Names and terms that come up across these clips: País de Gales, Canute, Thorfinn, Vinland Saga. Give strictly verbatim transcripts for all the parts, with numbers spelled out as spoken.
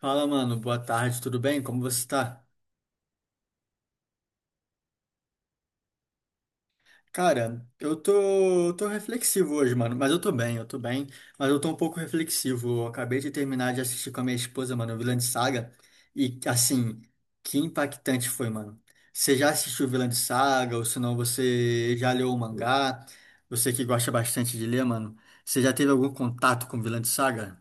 Fala, mano. Boa tarde, tudo bem? Como você tá? Cara, eu tô, tô reflexivo hoje, mano. Mas eu tô bem, eu tô bem. Mas eu tô um pouco reflexivo. Eu acabei de terminar de assistir com a minha esposa, mano, Vinland Saga. E, assim, que impactante foi, mano. Você já assistiu Vinland Saga? Ou se não, você já leu o mangá? Você que gosta bastante de ler, mano. Você já teve algum contato com Vinland Saga?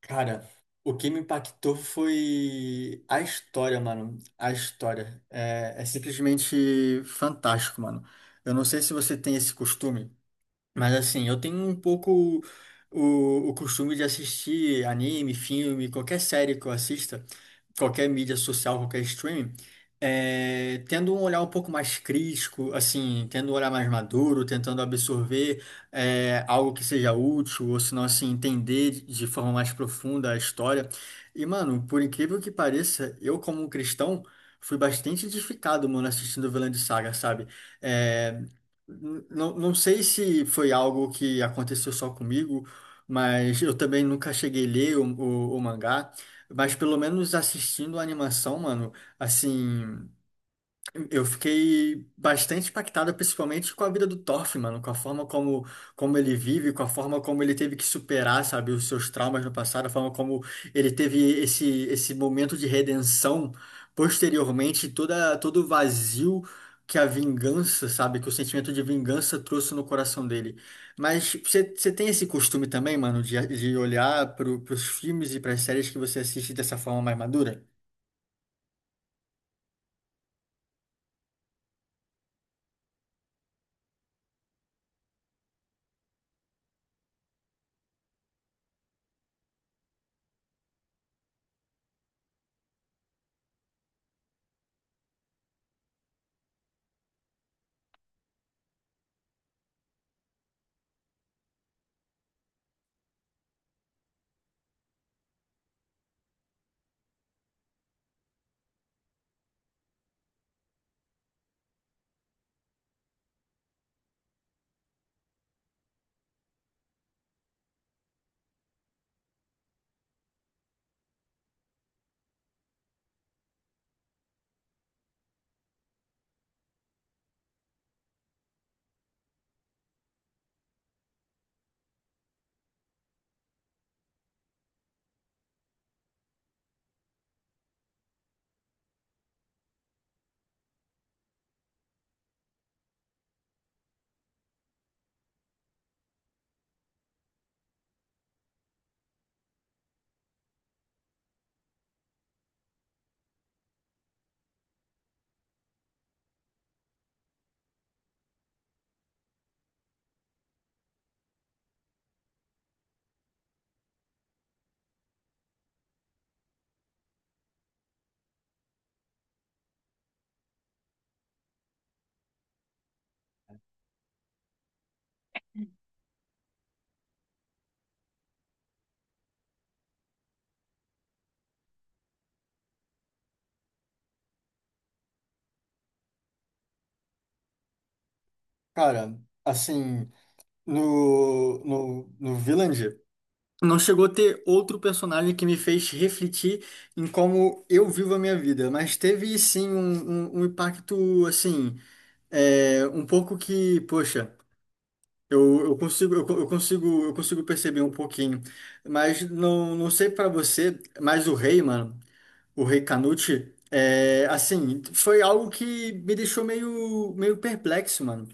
Cara, o que me impactou foi a história, mano. A história. É, é simplesmente fantástico, mano. Eu não sei se você tem esse costume. Mas assim, eu tenho um pouco o, o costume de assistir anime, filme, qualquer série que eu assista, qualquer mídia social, qualquer streaming, eh, tendo um olhar um pouco mais crítico, assim, tendo um olhar mais maduro, tentando absorver eh, algo que seja útil, ou se não, assim, entender de de forma mais profunda a história. E, mano, por incrível que pareça, eu como um cristão, fui bastante edificado, mano, assistindo Vinland Saga, sabe? É, não, não sei se foi algo que aconteceu só comigo, mas eu também nunca cheguei a ler o, o, o mangá. Mas pelo menos assistindo a animação, mano, assim. Eu fiquei bastante impactado, principalmente com a vida do Thorfinn, mano, com a forma como, como ele vive, com a forma como ele teve que superar, sabe, os seus traumas no passado, a forma como ele teve esse, esse momento de redenção posteriormente, toda, todo o vazio que a vingança, sabe, que o sentimento de vingança trouxe no coração dele. Mas você você tem esse costume também, mano, de, de olhar para os filmes e para as séries que você assiste dessa forma mais madura? Cara, assim. no, no, no Vinland, não chegou a ter outro personagem que me fez refletir em como eu vivo a minha vida, mas teve sim um, um, um impacto assim, é, um pouco que, poxa, eu, eu consigo, eu, co- eu consigo, eu consigo perceber um pouquinho, mas não, não sei pra você, mas o rei, mano. O Rei Canute, é, assim, foi algo que me deixou meio, meio perplexo, mano.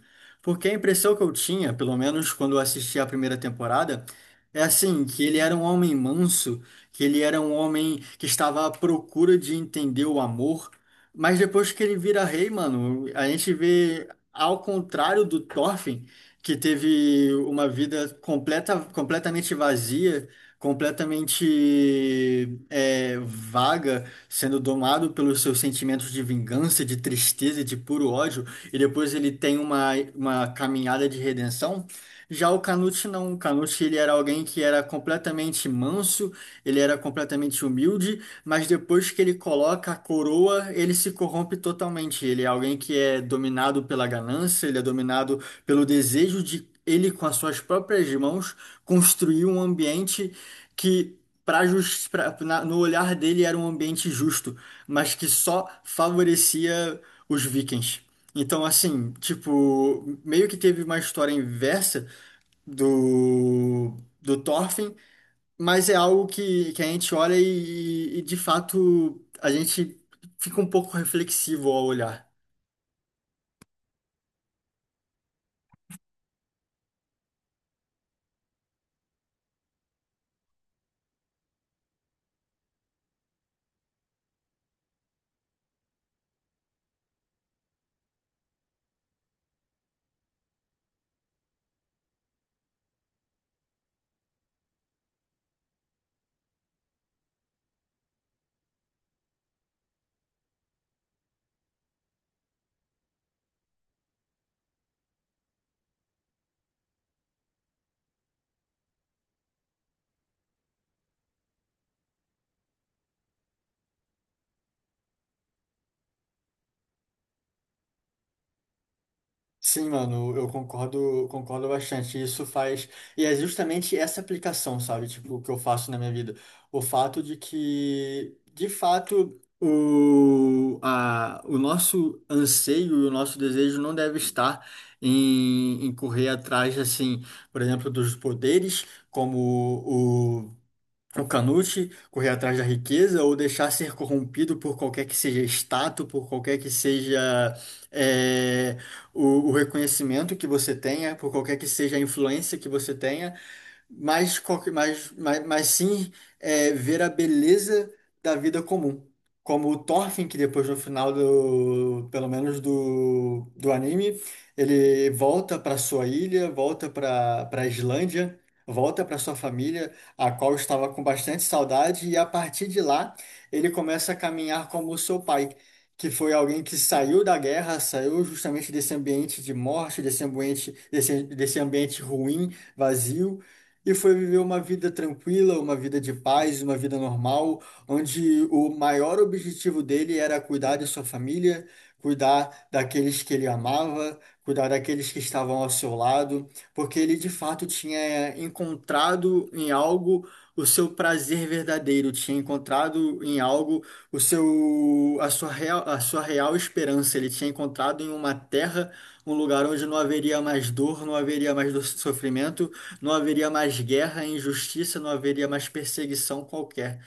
Porque a impressão que eu tinha, pelo menos quando eu assisti a primeira temporada, é assim, que ele era um homem manso, que ele era um homem que estava à procura de entender o amor. Mas depois que ele vira rei, mano, a gente vê, ao contrário do Thorfinn, que teve uma vida completa, completamente vazia, completamente é, vaga sendo domado pelos seus sentimentos de vingança, de tristeza, e de puro ódio, e depois ele tem uma, uma caminhada de redenção. Já o Canute não, o Canute ele era alguém que era completamente manso, ele era completamente humilde, mas depois que ele coloca a coroa, ele se corrompe totalmente. Ele é alguém que é dominado pela ganância, ele é dominado pelo desejo de ele, com as suas próprias mãos, construir um ambiente que pra, jus- pra- na- no olhar dele era um ambiente justo, mas que só favorecia os vikings. Então, assim, tipo, meio que teve uma história inversa do, do Thorfinn, mas é algo que, que a gente olha e, e, de fato, a gente fica um pouco reflexivo ao olhar. Sim, mano, eu concordo, concordo bastante. Isso faz. E é justamente essa aplicação, sabe? Tipo, o que eu faço na minha vida. O fato de que, de fato, o, a, o nosso anseio e o nosso desejo não deve estar em, em correr atrás, assim, por exemplo, dos poderes, como o Canute correr atrás da riqueza ou deixar ser corrompido por qualquer que seja status, por qualquer que seja eh, o, o reconhecimento que você tenha, por qualquer que seja a influência que você tenha, mas, qualquer- mas, mas, mas sim é, ver a beleza da vida comum. Como o Thorfinn, que depois no final do, pelo menos do, do anime, ele volta para sua ilha, volta para para Islândia, volta para sua família, a qual estava com bastante saudade, e a partir de lá ele começa a caminhar como o seu pai, que foi alguém que saiu da guerra, saiu justamente desse ambiente de morte, desse ambiente, desse, desse ambiente ruim, vazio e foi viver uma vida tranquila, uma vida de paz, uma vida normal, onde o maior objetivo dele era cuidar de sua família, cuidar daqueles que ele amava, cuidar daqueles que estavam ao seu lado, porque ele de fato tinha encontrado em algo o seu prazer verdadeiro, tinha encontrado em algo o seu a sua real, a sua real esperança, ele tinha encontrado em uma terra, um lugar onde não haveria mais dor, não haveria mais do- sofrimento não haveria mais guerra, injustiça, não haveria mais perseguição qualquer.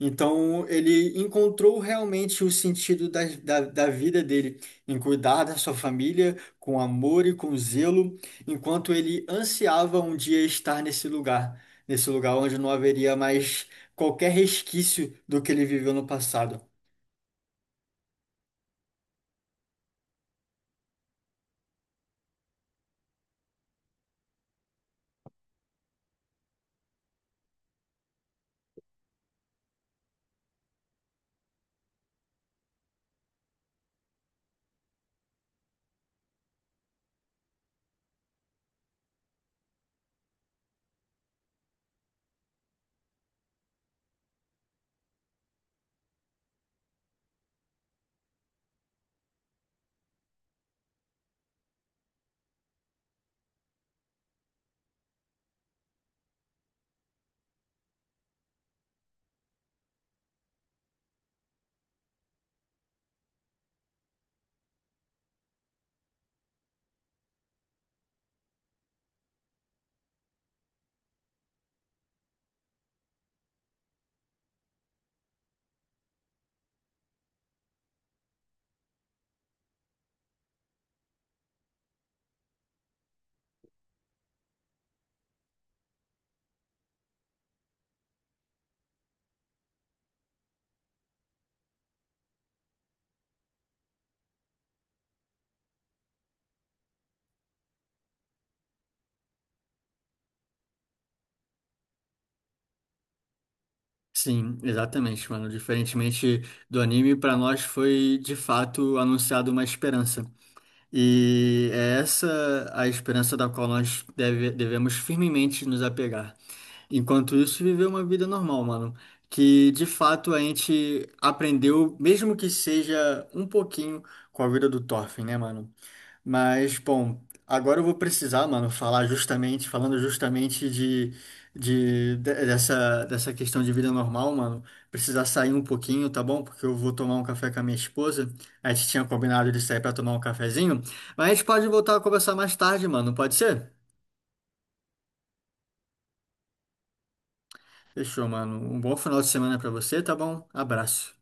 Então ele encontrou realmente o sentido da, da, da vida dele em cuidar da sua família com amor e com zelo, enquanto ele ansiava um dia estar nesse lugar, nesse lugar onde não haveria mais qualquer resquício do que ele viveu no passado. Sim, exatamente, mano. Diferentemente do anime, pra nós foi de fato anunciado uma esperança. E é essa a esperança da qual nós deve- devemos firmemente nos apegar. Enquanto isso, viver uma vida normal, mano. Que de fato a gente aprendeu, mesmo que seja um pouquinho, com a vida do Thorfinn, né, mano? Mas, bom, agora eu vou precisar, mano, falar justamente, falando justamente de, de, de- dessa, dessa questão de vida normal, mano. Precisar sair um pouquinho, tá bom? Porque eu vou tomar um café com a minha esposa. A gente tinha combinado de sair pra tomar um cafezinho. Mas a gente pode voltar a conversar mais tarde, mano. Pode ser? Fechou, mano. Um bom final de semana pra você, tá bom? Abraço.